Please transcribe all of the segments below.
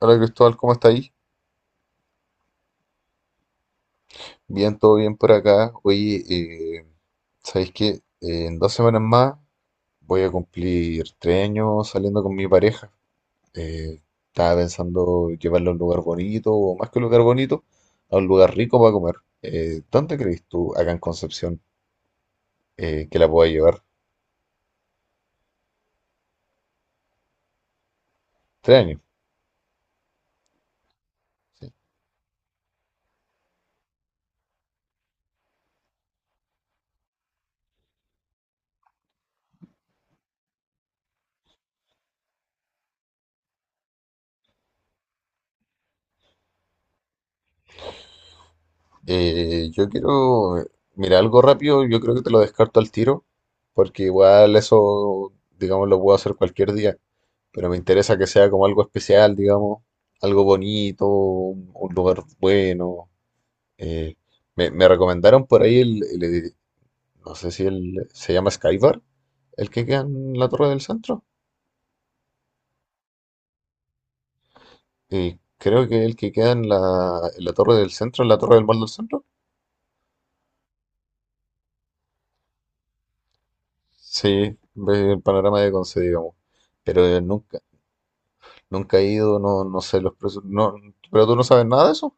Hola Cristóbal, ¿cómo estáis? Bien, todo bien por acá. Oye, eh, ¿sabéis que en 2 semanas más voy a cumplir 3 años saliendo con mi pareja? Eh, Estaba pensando llevarla a un lugar bonito, o más que un lugar bonito, a un lugar rico para comer. ¿Dónde crees tú, acá en Concepción, que la pueda llevar? 3 años. Sí. Yo quiero, mira, algo rápido, yo creo que te lo descarto al tiro, porque igual eso, digamos, lo puedo hacer cualquier día, pero me interesa que sea como algo especial, digamos, algo bonito, un lugar bueno. eh, me recomendaron por ahí no sé si se llama Skybar, el que queda en la Torre del Centro. Y creo que el que queda en la Torre del Centro, en la Torre del Mall del Centro. Sí, ve el panorama de Conce, digamos. Pero nunca. Nunca he ido, no, no sé los precios. No, pero tú no sabes nada de eso.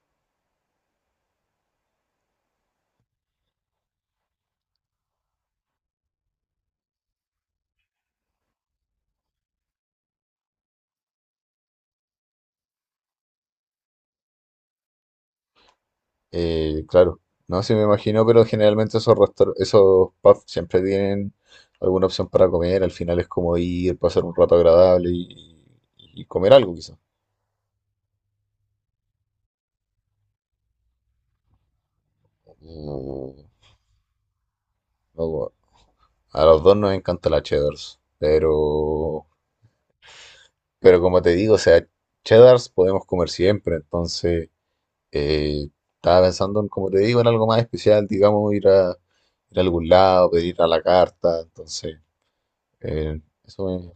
Claro, no, sí me imagino, pero generalmente esos pubs siempre tienen alguna opción para comer. Al final es como ir, pasar un rato agradable y comer algo, quizás. Mm, no, a los dos nos encanta la cheddars, pero como te digo, o sea, cheddars podemos comer siempre, entonces. Eh, Estaba pensando en, como te digo, en algo más especial, digamos, ir a algún lado, pedir a la carta, entonces, eh, eso me...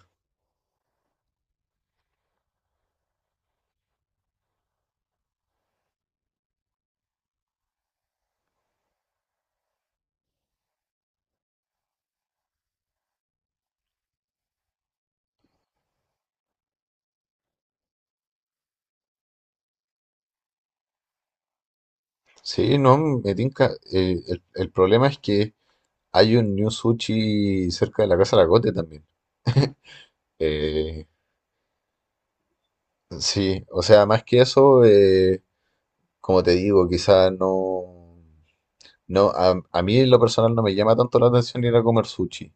Sí, no, me tinca. El problema es que hay un New Sushi cerca de la Casa de la cote también. Eh, sí, o sea, más que eso, como te digo, quizás no... No, a mí en lo personal no me llama tanto la atención ir a comer sushi.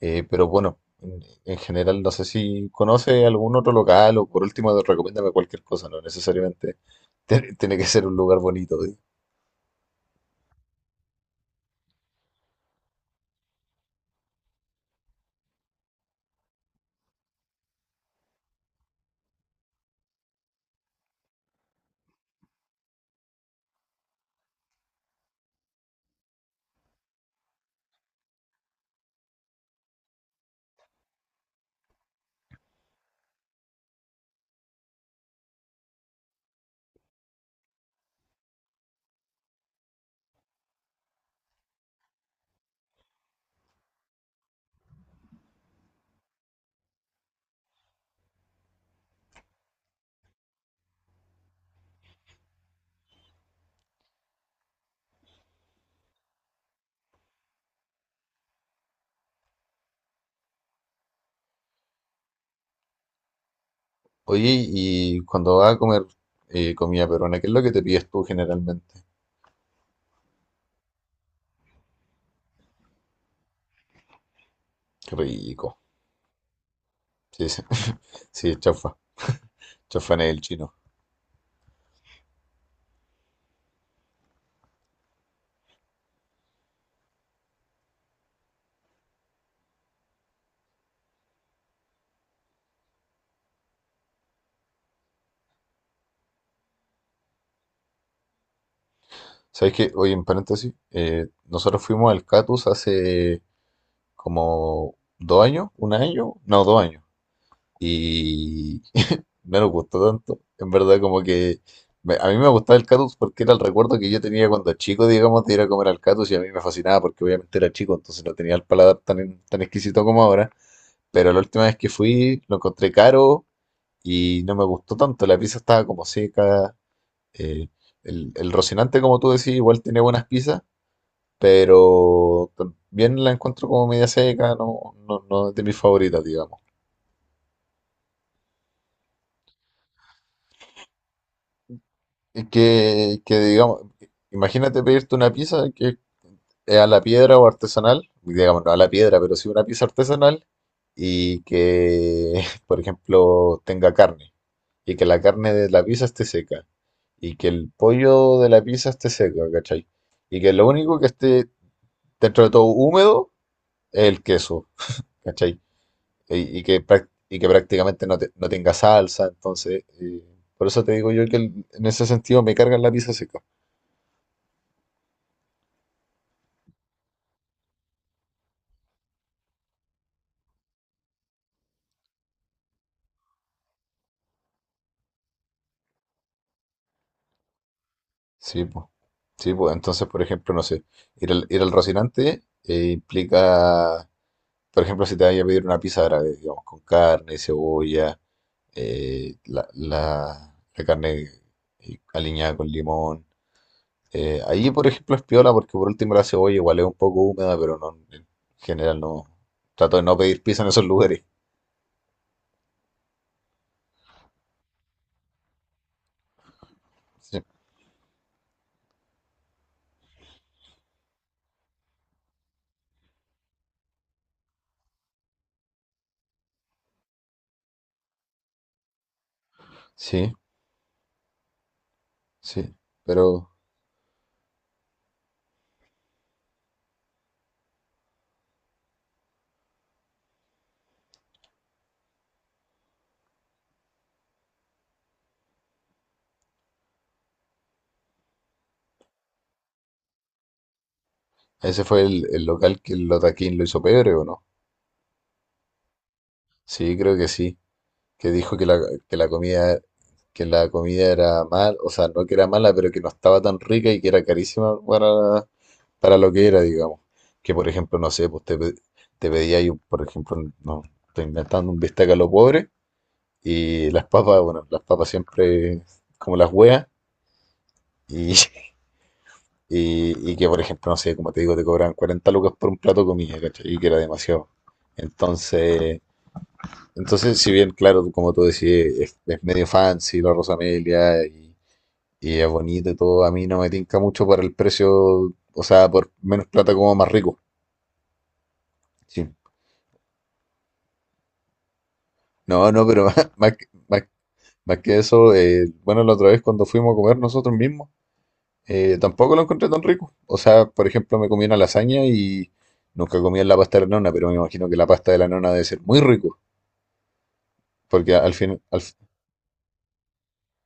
Pero bueno, en general no sé si conoce algún otro local o por último recomiéndame cualquier cosa, no necesariamente tiene que ser un lugar bonito. ¿Eh? Oye, y cuando vas a comer comida peruana, ¿qué es lo que te pides tú generalmente? Qué rico. Sí, sí, sí, chaufa. Chaufa en el chino. ¿Sabes qué? Oye, en paréntesis, nosotros fuimos al Catus hace como 2 años, un año, no, 2 años. Y no nos gustó tanto. En verdad, como que a mí me gustaba el Catus porque era el recuerdo que yo tenía cuando chico, digamos, de ir a comer al Catus y a mí me fascinaba porque obviamente era chico, entonces no tenía el paladar tan, tan exquisito como ahora. Pero la última vez que fui lo encontré caro y no me gustó tanto. La pizza estaba como seca. eh, el Rocinante, como tú decís, igual tiene buenas pizzas, pero también la encuentro como media seca, no, no, no es de mis favoritas, digamos. Que digamos, imagínate pedirte una pizza que es a la piedra o artesanal, digamos, no a la piedra, pero sí una pizza artesanal y que, por ejemplo, tenga carne y que la carne de la pizza esté seca y que el pollo de la pizza esté seco, ¿cachai? Y que lo único que esté dentro de todo húmedo es el queso, ¿cachai? Y que, y que prácticamente no, no tenga salsa, entonces, por eso te digo yo que en ese sentido me cargan la pizza seca. Sí, pues. Sí, pues. Entonces, por ejemplo, no sé, ir al Rocinante implica, por ejemplo, si te vayas a pedir una pizza árabe, digamos, con carne, cebolla, eh, la carne aliñada con limón. Ahí, por ejemplo, es piola porque por último la cebolla igual es un poco húmeda, pero no, en general no. Trato de no pedir pizza en esos lugares. Sí, sí, sí. Pero ese fue el local que el Lotaquín lo hizo pebre, ¿o no? Sí, creo que sí. Que dijo que la, que la comida, que la comida era mal, o sea, no que era mala, pero que no estaba tan rica y que era carísima para lo que era, digamos. Que por ejemplo, no sé, te pedía yo, por ejemplo, no, estoy inventando un bistec a lo pobre y las papas, bueno, las papas siempre como las hueas y, y que por ejemplo, no sé, como te digo, te cobraban 40 lucas por un plato de comida, ¿cachai? Y que era demasiado. Entonces, Entonces, si bien, claro, como tú decís, es medio fancy la Rosa Amelia y es bonito y todo, a mí no me tinca mucho por el precio, o sea, por menos plata como más rico. Sí. No, no, pero más que eso, bueno, la otra vez cuando fuimos a comer nosotros mismos, tampoco lo encontré tan rico. O sea, por ejemplo, me comí una lasaña y nunca comí la pasta de la nona, pero me imagino que la pasta de la nona debe ser muy rico, porque al fin, al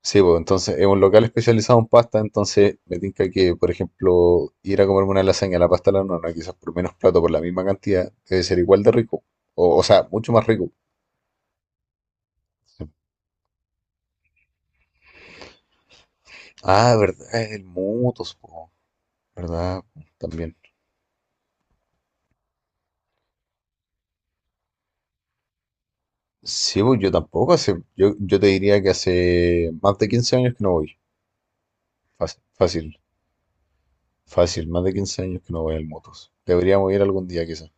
sí, pues entonces es un local especializado en pasta, entonces me tinca que, por ejemplo, ir a comerme una lasaña a la pasta a la nona, quizás por menos plato, por la misma cantidad, debe ser igual de rico. O sea, mucho más rico. Ah, verdad, el Mutus, po, ¿verdad? También. Sí, pues yo tampoco hace, yo te diría que hace más de 15 años que no voy. Fácil, fácil, fácil, más de 15 años que no voy al Mutus. Deberíamos ir algún día quizás.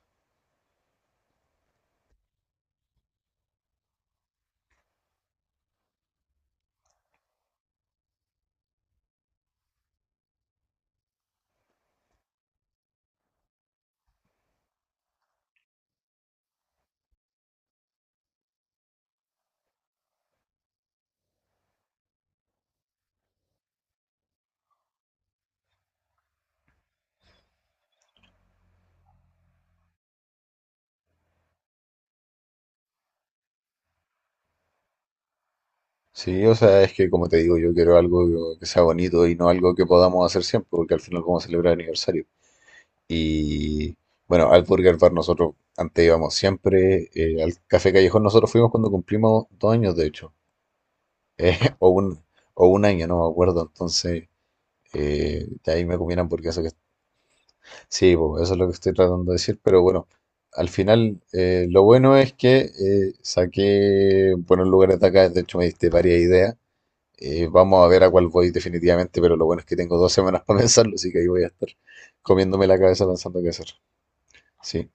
Sí, o sea, es que como te digo, yo quiero algo que sea bonito y no algo que podamos hacer siempre, porque al final vamos a celebrar aniversario. Y bueno, al Burger Bar nosotros antes íbamos siempre, al Café Callejón nosotros fuimos cuando cumplimos 2 años, de hecho, eh, o un, o un año, no me acuerdo, entonces de ahí me comieran porque eso que... Sí, po, eso es lo que estoy tratando de decir, pero bueno, al final lo bueno es que saqué buenos lugares de acá, de hecho me diste varias ideas. Vamos a ver a cuál voy definitivamente, pero lo bueno es que tengo 2 semanas para pensarlo, así que ahí voy a estar comiéndome la cabeza pensando qué hacer. Sí,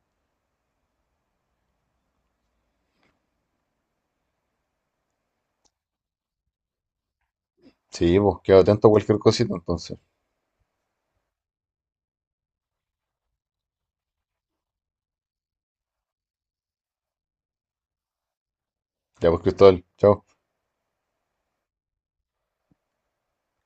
sí, pues quedo atento a cualquier cosita entonces. Ya pues, Cristóbal, chao.